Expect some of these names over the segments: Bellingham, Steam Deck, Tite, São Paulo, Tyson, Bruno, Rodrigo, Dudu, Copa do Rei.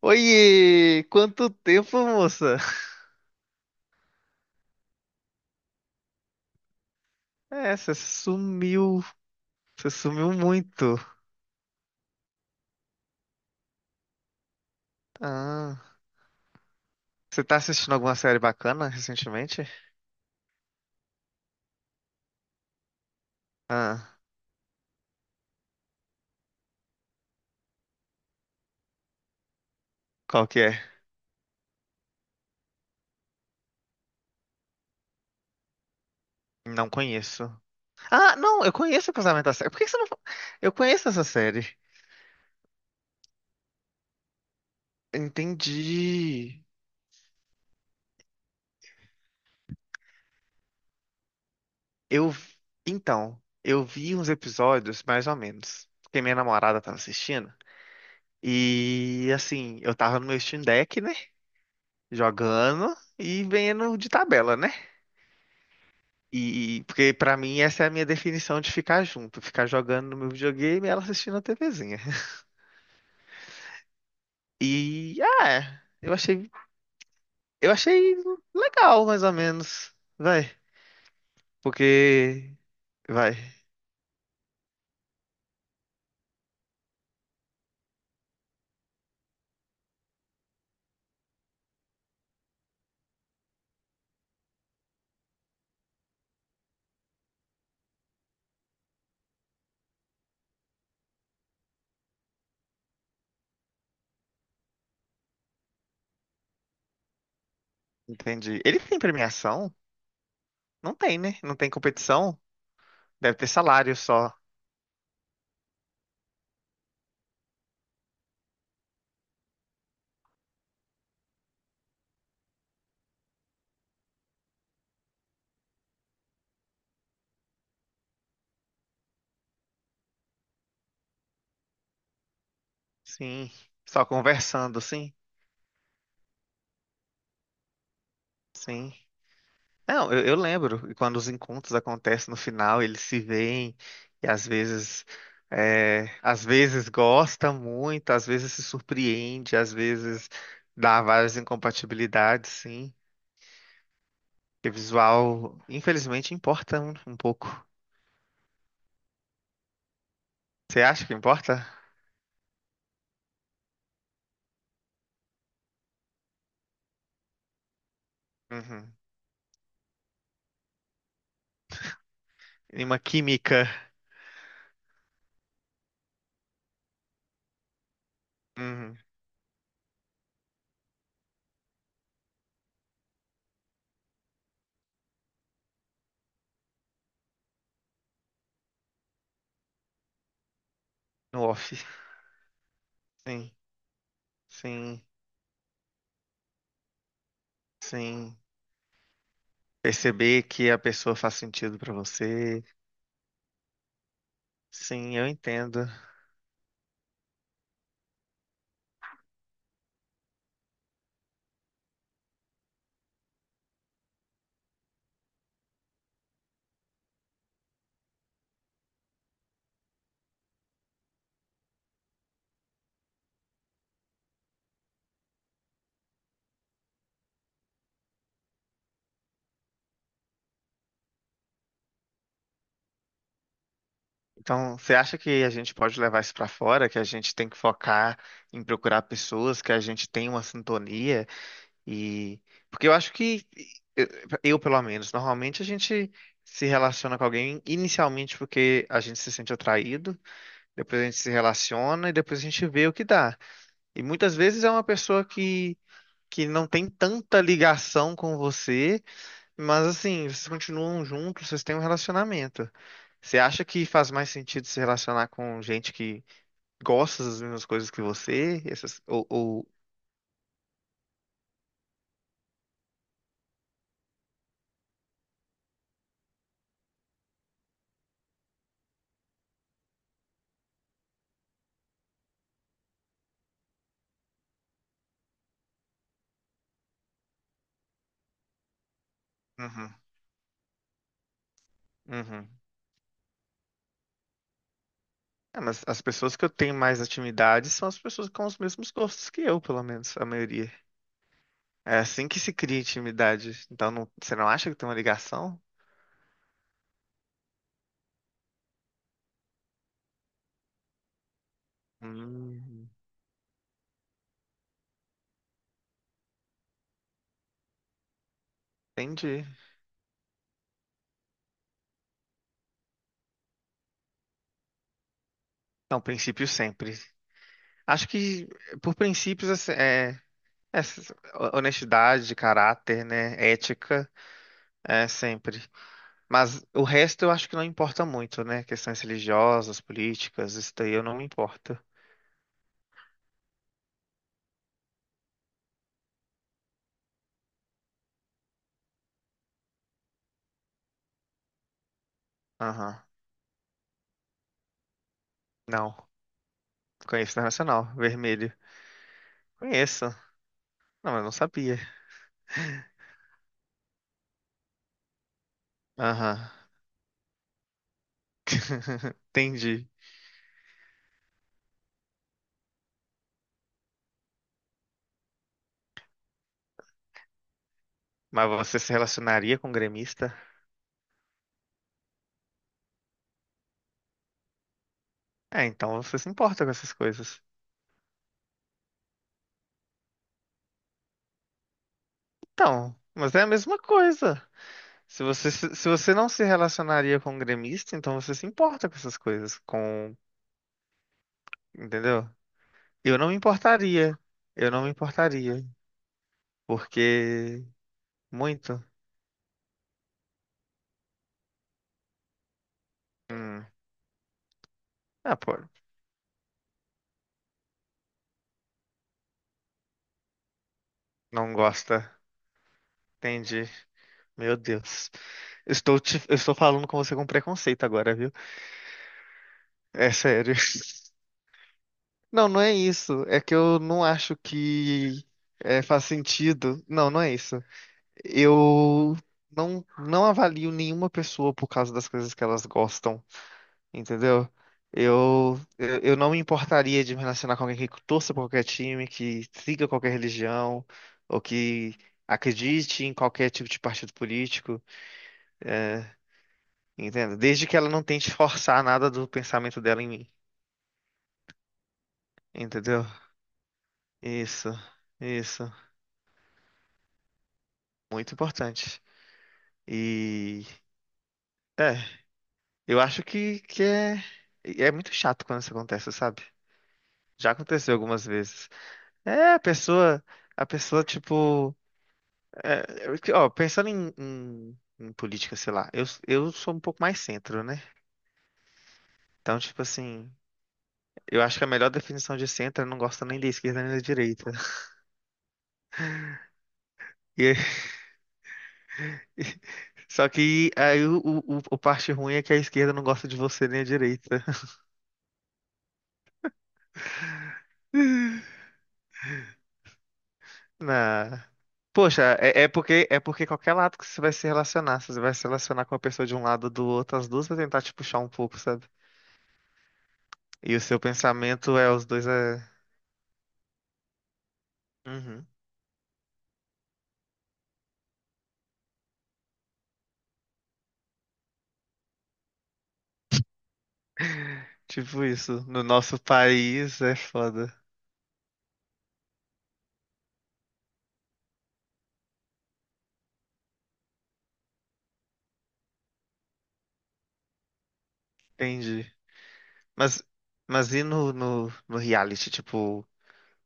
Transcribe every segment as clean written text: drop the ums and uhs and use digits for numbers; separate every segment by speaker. Speaker 1: Oiê! Quanto tempo, moça? É, você sumiu. Você sumiu muito. Ah, você tá assistindo alguma série bacana recentemente? Ah, qual que é? Não conheço. Ah, não, eu conheço o Casamento da Série. Por que que você não... Eu conheço essa série. Entendi. Eu... Então, eu vi uns episódios, mais ou menos. Porque minha namorada tava assistindo. E, assim, eu tava no meu Steam Deck, né? Jogando e vendo de tabela, né? E porque pra mim essa é a minha definição de ficar junto, ficar jogando no meu videogame e ela assistindo a TVzinha. E eu achei legal mais ou menos. Vai, porque vai, entendi. Ele tem premiação? Não tem, né? Não tem competição. Deve ter salário só. Sim, só conversando, sim. Sim. Não, eu lembro, e quando os encontros acontecem no final, eles se veem e às vezes gosta muito, às vezes se surpreende, às vezes dá várias incompatibilidades, sim. Porque visual, infelizmente, importa um pouco. Você acha que importa? Uhum. E uma química, uhum, no off. Sim, sim, sim. Perceber que a pessoa faz sentido pra você. Sim, eu entendo. Então, você acha que a gente pode levar isso para fora, que a gente tem que focar em procurar pessoas, que a gente tem uma sintonia e porque eu acho que eu, eu, pelo menos, normalmente a gente se relaciona com alguém inicialmente porque a gente se sente atraído, depois a gente se relaciona e depois a gente vê o que dá. E muitas vezes é uma pessoa que não tem tanta ligação com você, mas assim, vocês continuam juntos, vocês têm um relacionamento. Você acha que faz mais sentido se relacionar com gente que gosta das mesmas coisas que você? Essas, ou... Uhum, uhum. É, mas as pessoas que eu tenho mais intimidade são as pessoas com os mesmos gostos que eu, pelo menos, a maioria. É assim que se cria intimidade. Então, você não acha que tem uma ligação? Hum, entendi. Não, princípio sempre. Acho que, por princípios, assim, é, honestidade, caráter, né? Ética, é sempre. Mas o resto eu acho que não importa muito, né? Questões religiosas, políticas, isso daí eu não me importo. Aham. Não. Conheço Internacional, vermelho. Conheço. Não, mas eu não sabia. Aham. Entendi. Mas você se relacionaria com um gremista? É, então você se importa com essas coisas. Então, mas é a mesma coisa. Se você, se você não se relacionaria com um gremista, então você se importa com essas coisas, com, entendeu? Eu não me importaria. Eu não me importaria. Porque muito. Hum. Ah, pô, não gosta. Entendi. Meu Deus. Estou te, eu estou falando com você com preconceito agora, viu? É sério. Não, não é isso. É que eu não acho que é, faz sentido. Não, não é isso. Eu Não, não avalio nenhuma pessoa por causa das coisas que elas gostam. Entendeu? Eu não me importaria de me relacionar com alguém que torça por qualquer time, que siga qualquer religião, ou que acredite em qualquer tipo de partido político, entendeu? Desde que ela não tente forçar nada do pensamento dela em mim, entendeu? Isso, isso, muito importante. E é, eu acho que, é muito chato quando isso acontece, sabe? Já aconteceu algumas vezes. É, a pessoa, tipo. É, ó, pensando em, em política, sei lá, eu sou um pouco mais centro, né? Então, tipo assim, eu acho que a melhor definição de centro é não gosta nem da esquerda nem da direita. E- só que aí o o parte ruim é que a esquerda não gosta de você nem a direita. Na... Poxa, é porque porque qualquer lado que você vai se relacionar, se você vai se relacionar com uma pessoa de um lado ou do outro, as duas vão tentar te puxar um pouco, sabe? E o seu pensamento é os dois é. Uhum. Tipo isso, no nosso país é foda. Entendi. Mas, mas e no reality, tipo,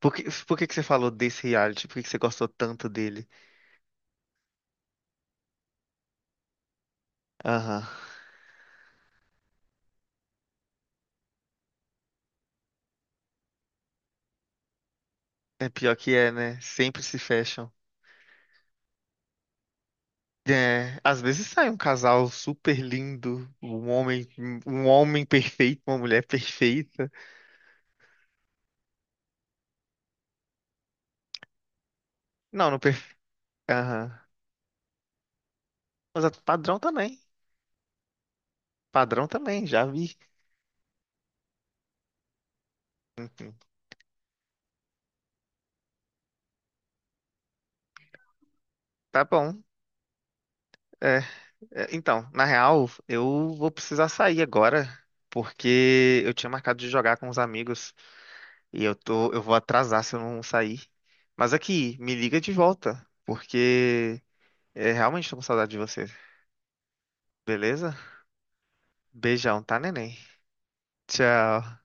Speaker 1: por que que você falou desse reality? Por que que você gostou tanto dele? Aham. É pior que é, né? Sempre se fecham. É, às vezes sai um casal super lindo, um homem perfeito, uma mulher perfeita. Não, não perfeito. Aham. Mas é padrão também. Padrão também, já vi. Enfim, tá bom. É, então, na real, eu vou precisar sair agora, porque eu tinha marcado de jogar com os amigos. E eu vou atrasar se eu não sair. Mas aqui, me liga de volta, porque é, realmente tô com saudade de você. Beleza? Beijão, tá, neném? Tchau.